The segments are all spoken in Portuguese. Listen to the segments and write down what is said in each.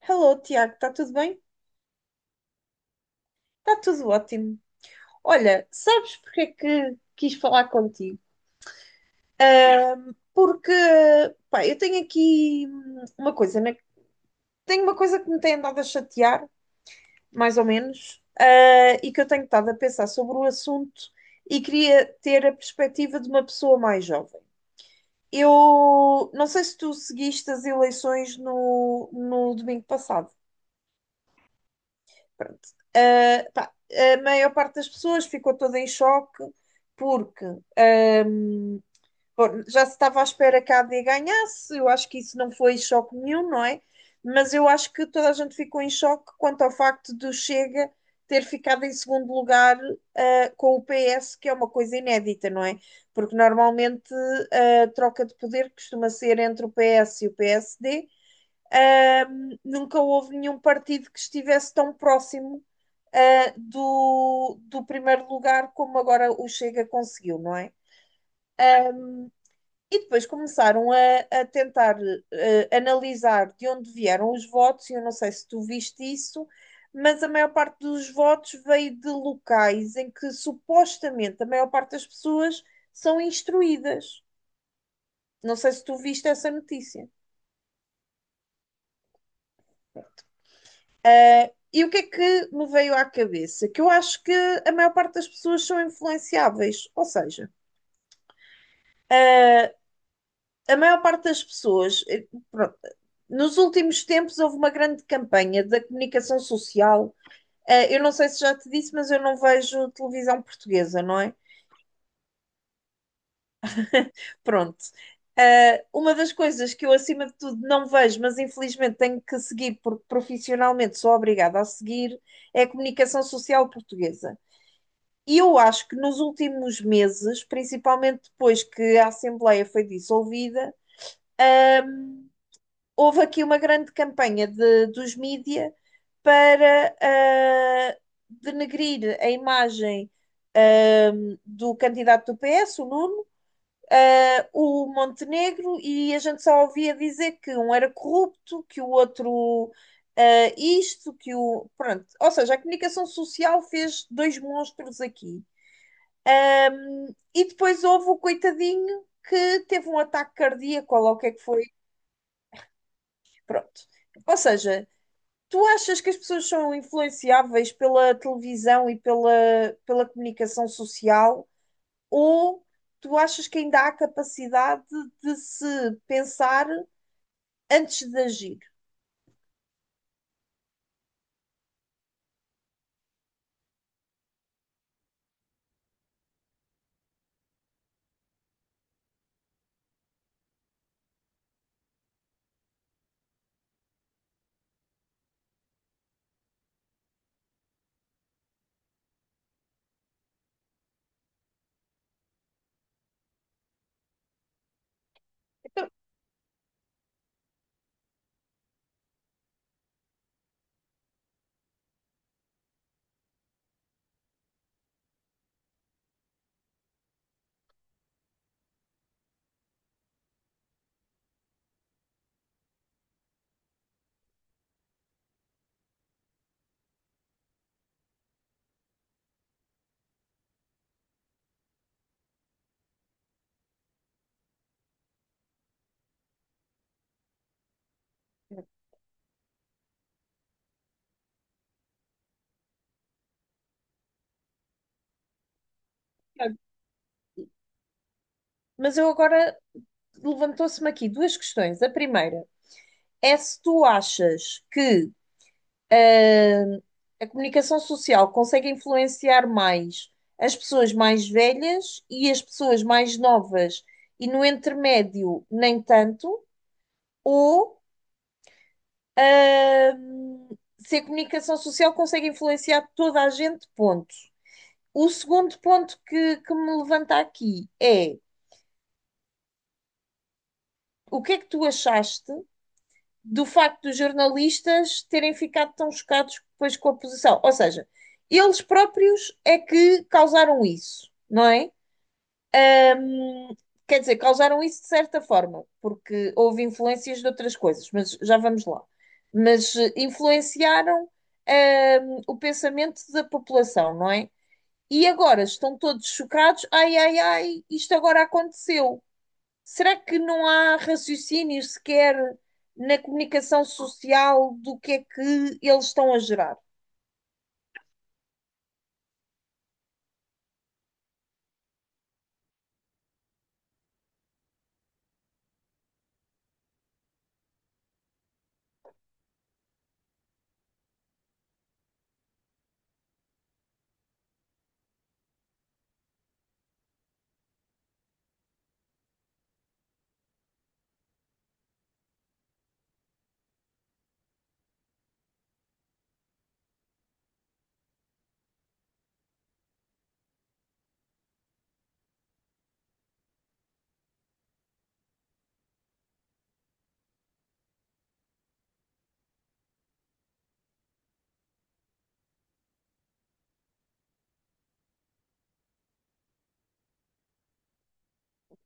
Hello, Tiago, está tudo bem? Está tudo ótimo. Olha, sabes porque é que quis falar contigo? Ah, porque, pá, eu tenho aqui uma coisa, né? Tenho uma coisa que me tem andado a chatear, mais ou menos, e que eu tenho estado a pensar sobre o assunto e queria ter a perspectiva de uma pessoa mais jovem. Eu não sei se tu seguiste as eleições no domingo passado. Pronto. Pá, a maior parte das pessoas ficou toda em choque porque ahm, bom, já se estava à espera que a AD ganhasse, eu acho que isso não foi choque nenhum, não é? Mas eu acho que toda a gente ficou em choque quanto ao facto do Chega ter ficado em segundo lugar com o PS, que é uma coisa inédita, não é? Porque normalmente a troca de poder costuma ser entre o PS e o PSD. Nunca houve nenhum partido que estivesse tão próximo do primeiro lugar, como agora o Chega conseguiu, não é? E depois começaram a tentar analisar de onde vieram os votos, e eu não sei se tu viste isso, mas a maior parte dos votos veio de locais em que supostamente a maior parte das pessoas são instruídas. Não sei se tu viste essa notícia. E o que é que me veio à cabeça? Que eu acho que a maior parte das pessoas são influenciáveis, ou seja, a maior parte das pessoas, pronto, nos últimos tempos houve uma grande campanha da comunicação social. Ah, eu não sei se já te disse, mas eu não vejo televisão portuguesa, não é? Pronto. Ah, uma das coisas que eu, acima de tudo, não vejo, mas infelizmente tenho que seguir, porque profissionalmente sou obrigada a seguir, é a comunicação social portuguesa. E eu acho que nos últimos meses, principalmente depois que a Assembleia foi dissolvida, houve aqui uma grande campanha dos mídia para denegrir a imagem ah, do candidato do PS, o Nuno, o Montenegro, e a gente só ouvia dizer que um era corrupto, que o outro isto, que o. Pronto. Ou seja, a comunicação social fez dois monstros aqui. Ah, e depois houve o coitadinho que teve um ataque cardíaco, ou lá o que é que foi. Pronto. Ou seja, tu achas que as pessoas são influenciáveis pela televisão e pela comunicação social? Ou tu achas que ainda há capacidade de se pensar antes de agir? Mas eu agora levantou-se-me aqui duas questões. A primeira é se tu achas que ah, a comunicação social consegue influenciar mais as pessoas mais velhas e as pessoas mais novas, e no intermédio, nem tanto. Ou hum, se a comunicação social consegue influenciar toda a gente, ponto. O segundo ponto que me levanta aqui é o que é que tu achaste do facto dos jornalistas terem ficado tão chocados depois com a posição? Ou seja, eles próprios é que causaram isso, não é? Hum, Quer dizer, causaram isso de certa forma, porque houve influências de outras coisas, mas já vamos lá. Mas influenciaram, o pensamento da população, não é? E agora estão todos chocados. Ai, ai, ai, isto agora aconteceu. Será que não há raciocínio sequer na comunicação social do que é que eles estão a gerar?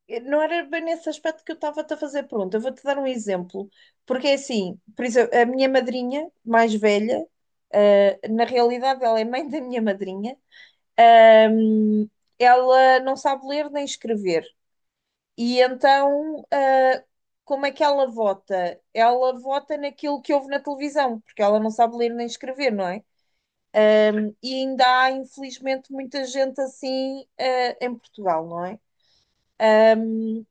Não era bem nesse aspecto que eu estava-te a fazer a pergunta. Eu vou-te dar um exemplo, porque é assim, por exemplo, a minha madrinha mais velha, na realidade ela é mãe da minha madrinha, ahm, ela não sabe ler nem escrever. E então, como é que ela vota? Ela vota naquilo que ouve na televisão, porque ela não sabe ler nem escrever, não é? E ainda há, infelizmente, muita gente assim, em Portugal, não é?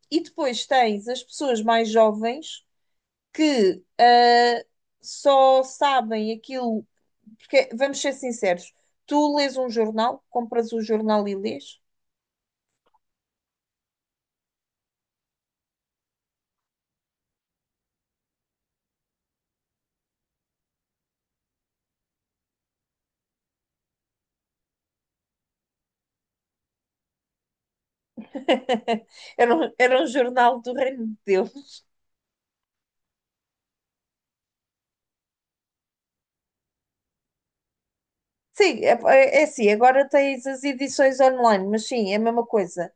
E depois tens as pessoas mais jovens que só sabem aquilo, porque vamos ser sinceros, tu lês um jornal, compras o jornal e lês. Era um jornal do Reino de Deus. Sim, é, é assim, agora tens as edições online, mas sim, é a mesma coisa.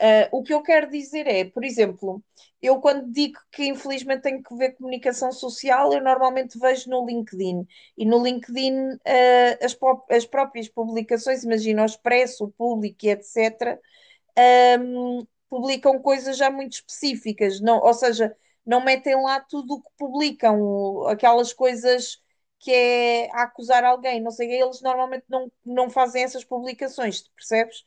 Ah, o que eu quero dizer é, por exemplo, eu quando digo que infelizmente tenho que ver comunicação social, eu normalmente vejo no LinkedIn. E no LinkedIn, as, as próprias publicações, imagina o Expresso, o Público, e etc., publicam coisas já muito específicas, não, ou seja, não metem lá tudo o que publicam, aquelas coisas que é a acusar alguém, não sei, eles normalmente não fazem essas publicações, percebes?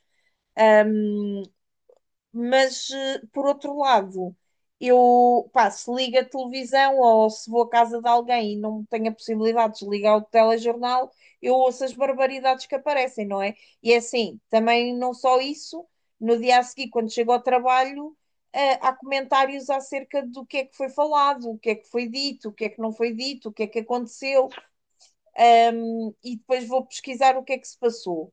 Mas, por outro lado, eu, pá, se ligo a televisão ou se vou à casa de alguém e não tenho a possibilidade de desligar o telejornal, eu ouço as barbaridades que aparecem, não é? E é assim, também não só isso, no dia a seguir, quando chego ao trabalho, há comentários acerca do que é que foi falado, o que é que foi dito, o que é que não foi dito, o que é que aconteceu, e depois vou pesquisar o que é que se passou.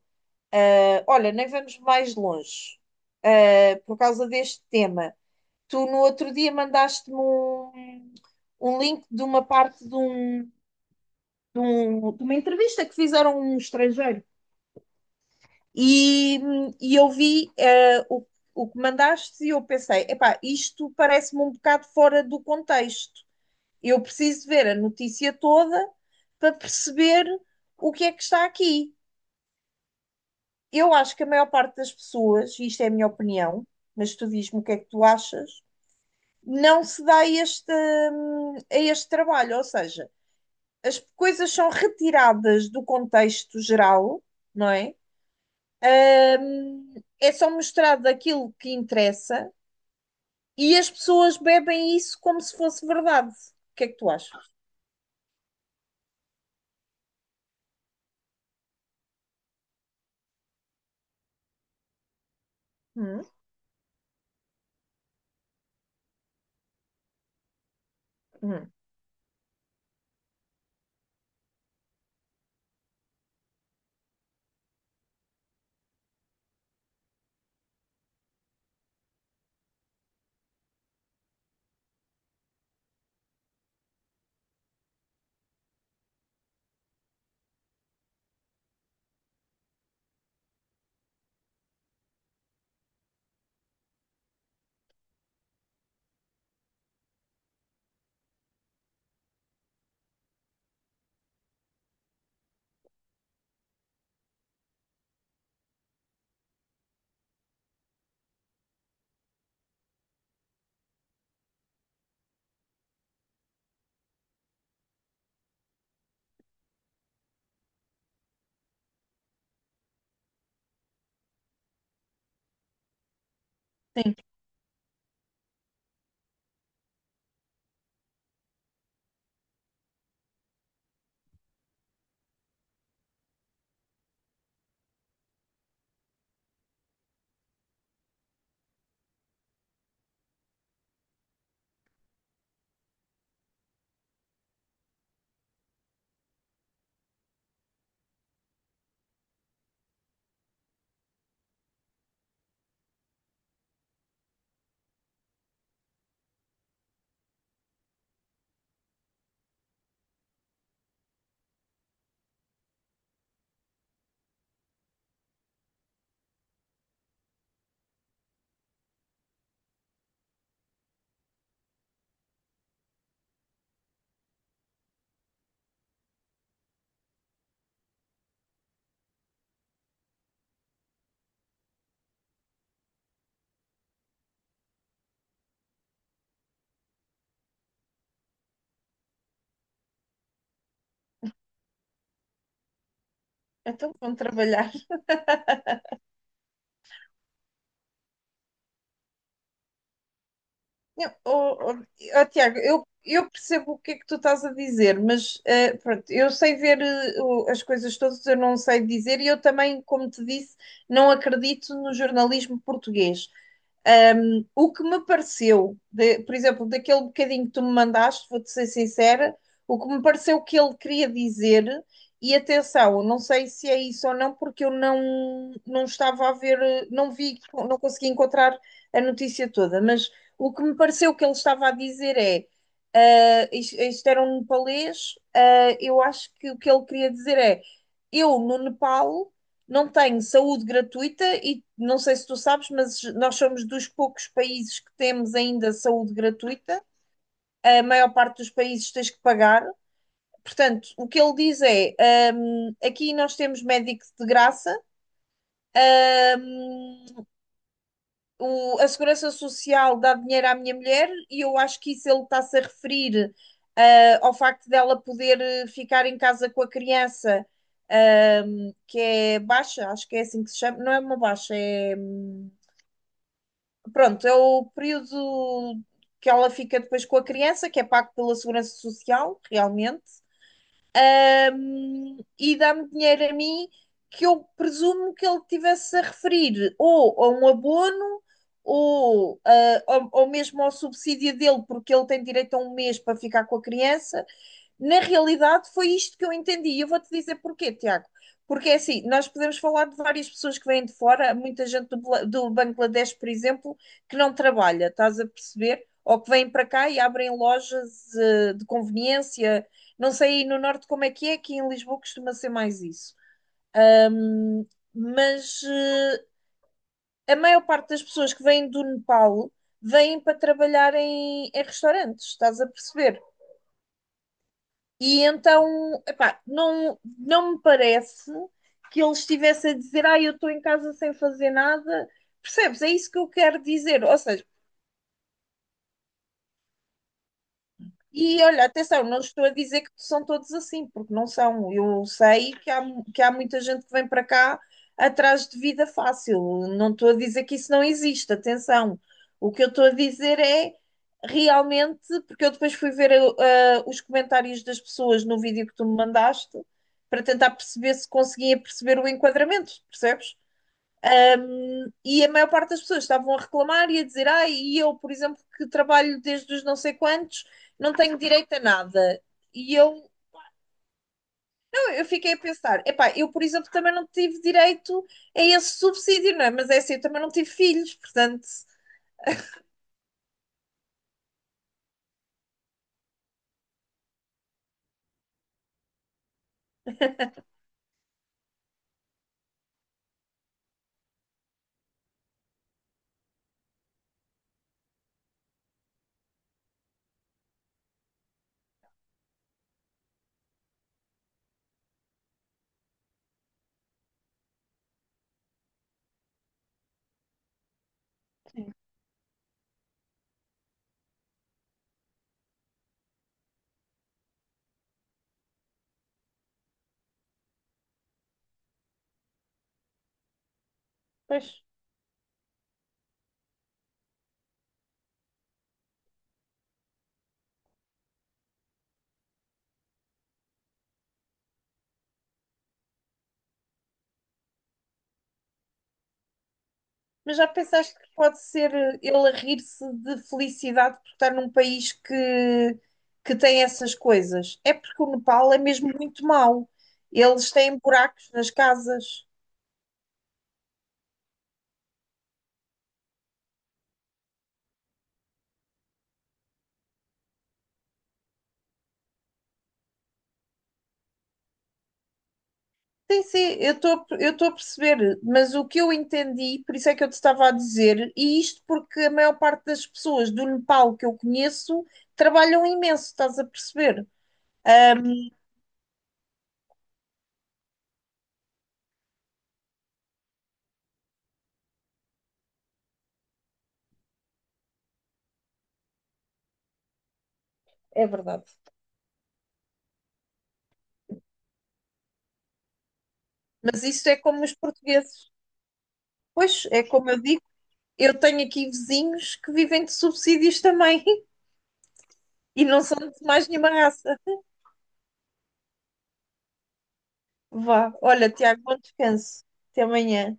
Olha, nem vamos mais longe, por causa deste tema. Tu no outro dia um link de uma parte de uma entrevista que fizeram a um estrangeiro e, e eu vi o que mandaste e eu pensei, epá, isto parece-me um bocado fora do contexto. Eu preciso ver a notícia toda para perceber o que é que está aqui. Eu acho que a maior parte das pessoas, e isto é a minha opinião, mas tu diz-me o que é que tu achas, não se dá a este trabalho, ou seja, as coisas são retiradas do contexto geral, não é? Um, É só mostrado aquilo que interessa e as pessoas bebem isso como se fosse verdade. O que é que tu achas? Hum? Hum. Então vão trabalhar. Não, oh, oh, oh, Tiago, eu percebo o que é que tu estás a dizer, mas pronto, eu sei ver as coisas todas, eu não sei dizer, e eu também, como te disse, não acredito no jornalismo português. O que me pareceu, por exemplo, daquele bocadinho que tu me mandaste, vou-te ser sincera, o que me pareceu que ele queria dizer, e atenção, não sei se é isso ou não, porque eu não, não estava a ver, não vi, não consegui encontrar a notícia toda, mas o que me pareceu que ele estava a dizer é. Isto, isto era um nepalês, eu acho que o que ele queria dizer é: eu no Nepal não tem saúde gratuita e não sei se tu sabes, mas nós somos dos poucos países que temos ainda saúde gratuita. A maior parte dos países tens que pagar. Portanto, o que ele diz é: aqui nós temos médicos de graça, hum, a Segurança Social dá dinheiro à minha mulher, e eu acho que isso ele está-se a referir ao facto dela poder ficar em casa com a criança, que é baixa, acho que é assim que se chama, não é uma baixa, é. Pronto, é o período que ela fica depois com a criança, que é pago pela Segurança Social, realmente. E dá-me dinheiro a mim que eu presumo que ele tivesse a referir ou a um abono ou mesmo ao subsídio dele, porque ele tem direito a um mês para ficar com a criança, na realidade foi isto que eu entendi. E eu vou-te dizer porquê, Tiago. Porque é assim, nós podemos falar de várias pessoas que vêm de fora, muita gente do Bangladesh, por exemplo, que não trabalha, estás a perceber? Ou que vêm para cá e abrem lojas, de conveniência. Não sei aí no norte como é que é, aqui em Lisboa costuma ser mais isso, mas a maior parte das pessoas que vêm do Nepal vêm para trabalhar em restaurantes, estás a perceber? E então, epá, não me parece que ele estivesse a dizer, ah, eu estou em casa sem fazer nada. Percebes? É isso que eu quero dizer. Ou seja, e olha, atenção, não estou a dizer que são todos assim, porque não são. Eu sei que que há muita gente que vem para cá atrás de vida fácil. Não estou a dizer que isso não existe, atenção. O que eu estou a dizer é realmente, porque eu depois fui ver os comentários das pessoas no vídeo que tu me mandaste para tentar perceber se conseguia perceber o enquadramento, percebes? E a maior parte das pessoas estavam a reclamar e a dizer: Ah, e eu, por exemplo, que trabalho desde os não sei quantos, não tenho direito a nada. E eu, não, eu fiquei a pensar: Epá, eu, por exemplo, também não tive direito a esse subsídio, não é? Mas é assim, eu também não tive filhos, portanto. Sim. Pois. Mas já pensaste que pode ser ele a rir-se de felicidade por estar num país que tem essas coisas? É porque o Nepal é mesmo muito mau. Eles têm buracos nas casas. Sim, sim, eu estou a perceber, mas o que eu entendi, por isso é que eu te estava a dizer, e isto porque a maior parte das pessoas do Nepal que eu conheço trabalham imenso, estás a perceber? É verdade. Mas isso é como os portugueses. Pois, é como eu digo, eu tenho aqui vizinhos que vivem de subsídios também e não são de mais nenhuma raça. Vá, olha, Tiago, bom descanso. Até amanhã.